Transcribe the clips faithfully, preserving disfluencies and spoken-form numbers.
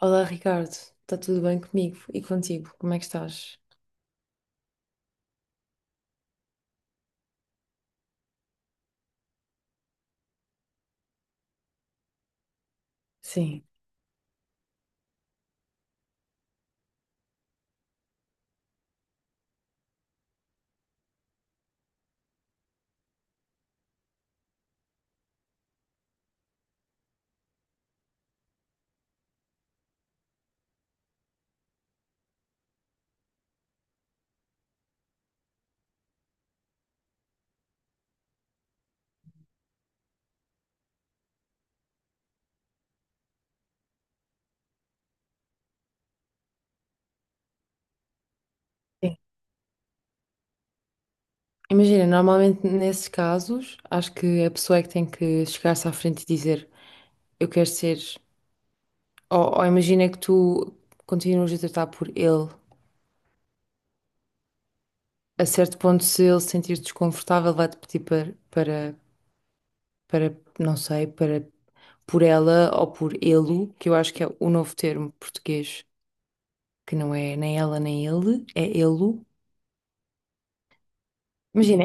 Olá, Ricardo. Está tudo bem comigo e contigo? Como é que estás? Sim, sim, Imagina, normalmente nesses casos, acho que a pessoa é que tem que chegar-se à frente e dizer eu quero ser. Ou, ou imagina que tu continuas a tratar por ele. A certo ponto, se ele se sentir desconfortável, vai-te pedir para, para, para, não sei, para por ela ou por ele, que eu acho que é o novo termo português, que não é nem ela nem ele, é ele. Imagina,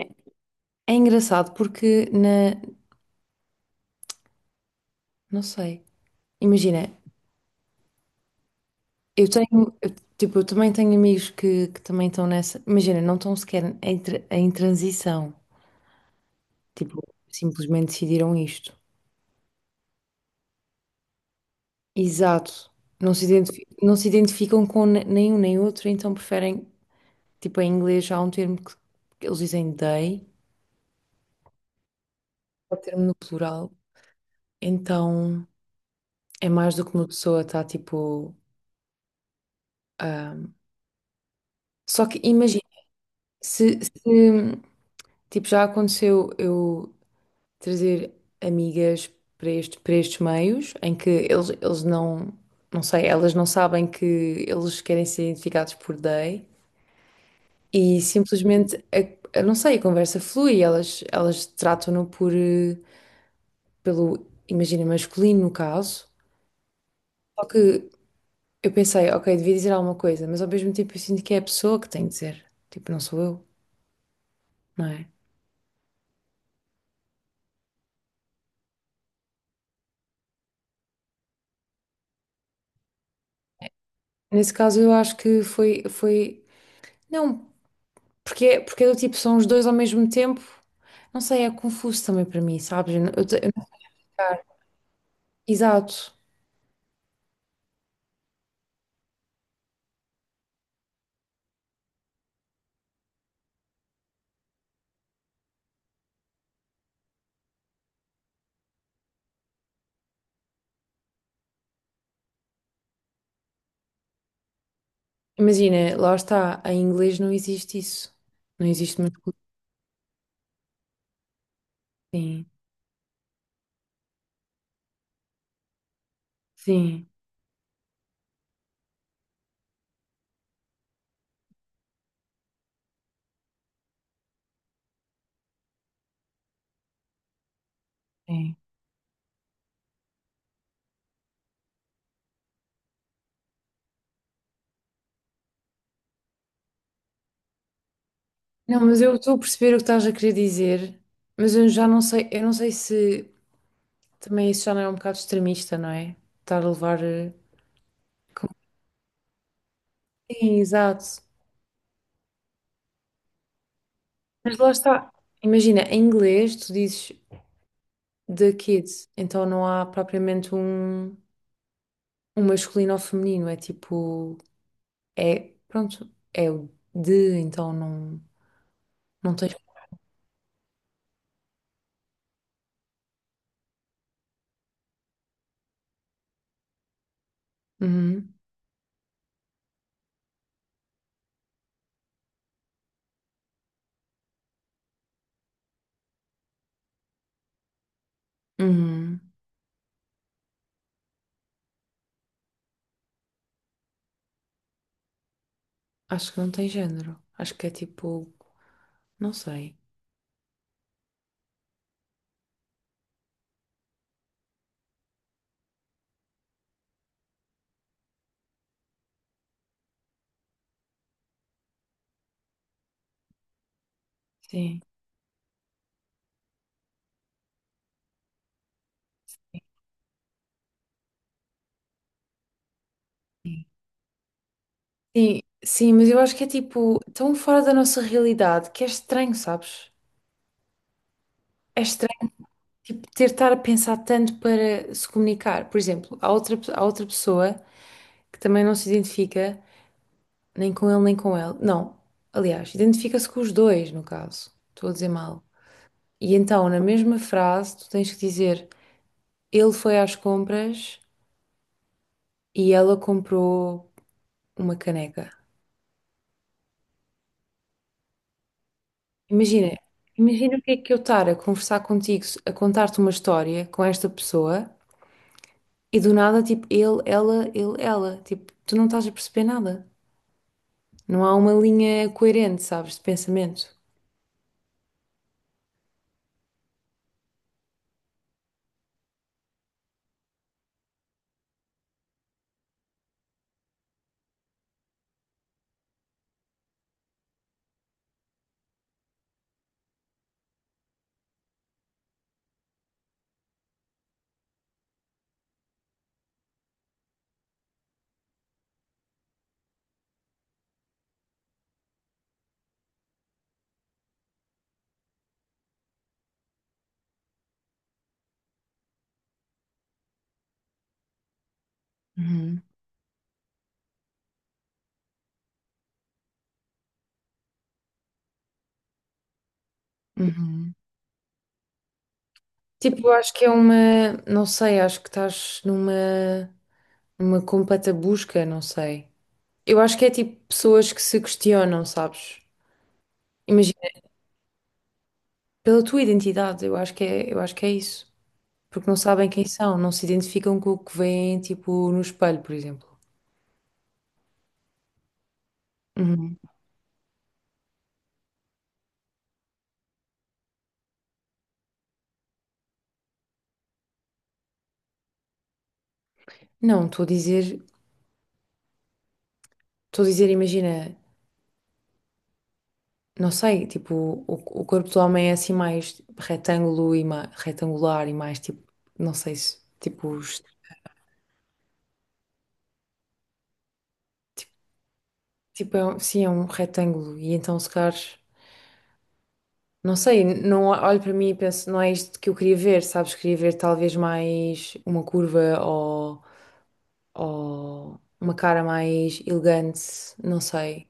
é engraçado porque na, não sei. Imagina, eu tenho, eu, tipo, eu também tenho amigos que, que também estão nessa. Imagina, não estão sequer em, tra- em transição. Tipo, simplesmente decidiram isto. Exato. Não se identifi- não se identificam com ne- nenhum nem outro, então preferem, tipo, em inglês há um termo que, que eles dizem they, é o termo no plural. Então é mais do que uma pessoa está, tipo. ah, Só que imagina, se, se, tipo, já aconteceu eu trazer amigas para este, para estes meios em que eles, eles não, não sei, elas não sabem que eles querem ser identificados por they e simplesmente, a, a- não sei, a conversa flui, elas, elas tratam-no por, eh, pelo, imagina, masculino no caso. Só que eu pensei, ok, devia dizer alguma coisa, mas ao mesmo tempo eu sinto que é a pessoa que tem de dizer, tipo, não sou eu, não é? Nesse caso eu acho que foi, foi, não, porque, é- porque é do tipo, são os dois ao mesmo tempo. Não sei, é confuso também para mim, sabes? Eu, não- eu, te- eu não- Exato. Imagina, lá está, em inglês não existe isso. Não existe muito. Sim, sim, sim. Não, mas eu estou a perceber o que estás a querer dizer, mas eu já não sei, eu não sei se também isso já não é um bocado extremista, não é? Estar a levar. eh, com- Sim, exato. Mas lá está. Imagina, em inglês tu dizes the kids, então não há propriamente um, um masculino ou feminino, é tipo. É, pronto, é o de, então não, não tens. Uhum, uhum. Acho que não tem género. Acho que é tipo. Não sei. Sim. Sim, sim, sim, mas eu acho que é tipo tão fora da nossa realidade que é estranho, sabes? É estranho, tipo, ter de estar a pensar tanto para se comunicar. Por exemplo, há outra, pe- há outra pessoa que também não se identifica nem com ele nem com ela. Não, aliás, identifica-se com os dois, no caso. Estou a dizer mal. E então, na mesma frase, tu tens que dizer: ele foi às compras e ela comprou uma caneca. Imagina, imagina o que é que eu estar a conversar contigo, a contar-te uma história com esta pessoa e do nada, tipo, ele, ela, ele, ela. Tipo, tu não estás a perceber nada. Não há uma linha coerente, sabes, de pensamento. Uhum, uhum. Tipo, eu acho que é uma, não sei, acho que estás numa, numa completa busca, não sei. Eu acho que é tipo pessoas que se questionam, sabes? Imagina, pela tua identidade, eu acho que é, eu acho que é isso. Porque não sabem quem são, não se identificam com o que veem, tipo, no espelho, por exemplo. Uhum. Não, estou a dizer, estou a dizer, imagina, não sei, tipo, o, o corpo do homem é assim mais retângulo e ma- retangular e mais tipo, não sei se, tipo, os- tipo, é um- sim, é um retângulo e então se calhar. Não sei, não olho para mim e penso, não é isto que eu queria ver, sabes? Queria ver talvez mais uma curva ou, ou uma cara mais elegante, não sei.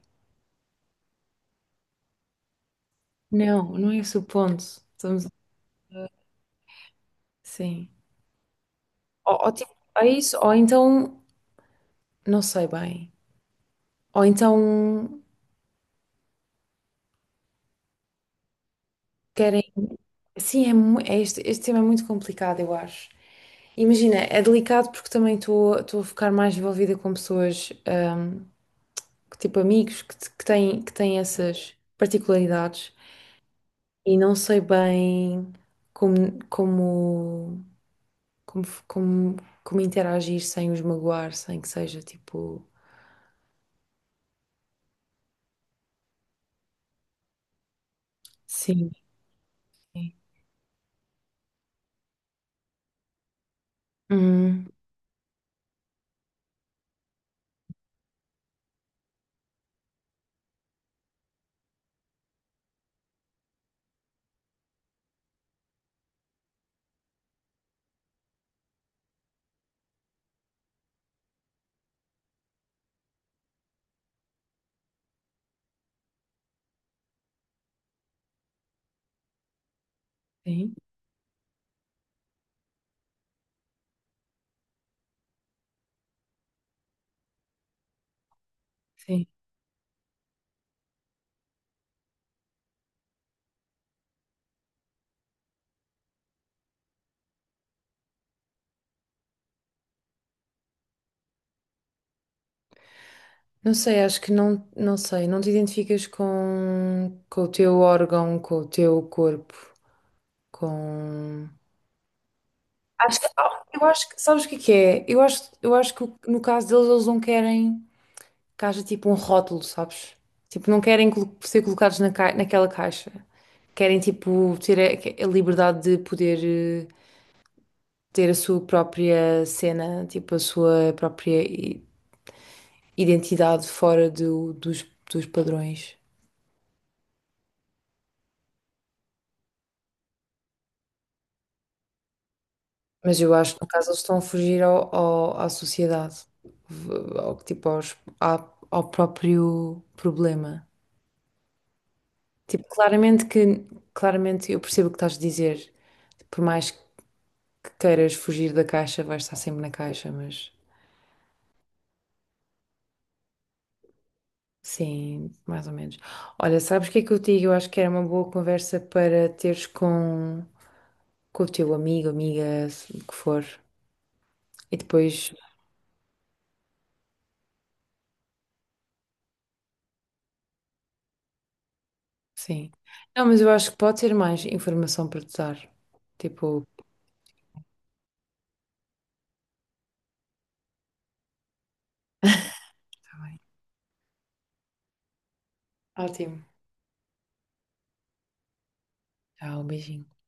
Não, não é esse o ponto. Estamos... Sim. Ou, ou tipo, é isso, ou então, não sei bem. Ou então querem. Sim, é, mu- é este, este tema é muito complicado, eu acho. Imagina, é delicado porque também estou estou a ficar mais envolvida com pessoas. hum, que, tipo amigos que, te- que têm, que têm essas particularidades e não sei bem como, como, como, f- como, como interagir sem os magoar, sem que seja tipo. Sim. Sim. Uhum, Sim. Sim. Não sei, acho que não, não sei, não te identificas com, com o teu órgão, com o teu corpo, com. Acho que, oh, eu acho que, sabes o que é que é? Eu acho, eu acho que no caso deles, eles não querem que haja tipo um rótulo, sabes? Tipo, não querem colo- ser colocados na ca- naquela caixa. Querem tipo ter a, a liberdade de poder eh, ter a sua própria cena, tipo a sua própria i- identidade fora do- dos, dos padrões. Mas eu acho que no caso eles estão a fugir ao, ao- à sociedade, v- ao, tipo aos- à- ao próprio problema. Tipo, claramente que, claramente eu percebo o que estás a dizer, por mais que queiras fugir da caixa, vais estar sempre na caixa, mas sim, mais ou menos. Olha, sabes o que é que eu te digo? Eu acho que era uma boa conversa para teres com, com o teu amigo, amiga, se- o que for. E depois, sim. Não, mas eu acho que pode ser mais informação para te dar. Tipo, tá bem. Ótimo. Tchau, beijinho.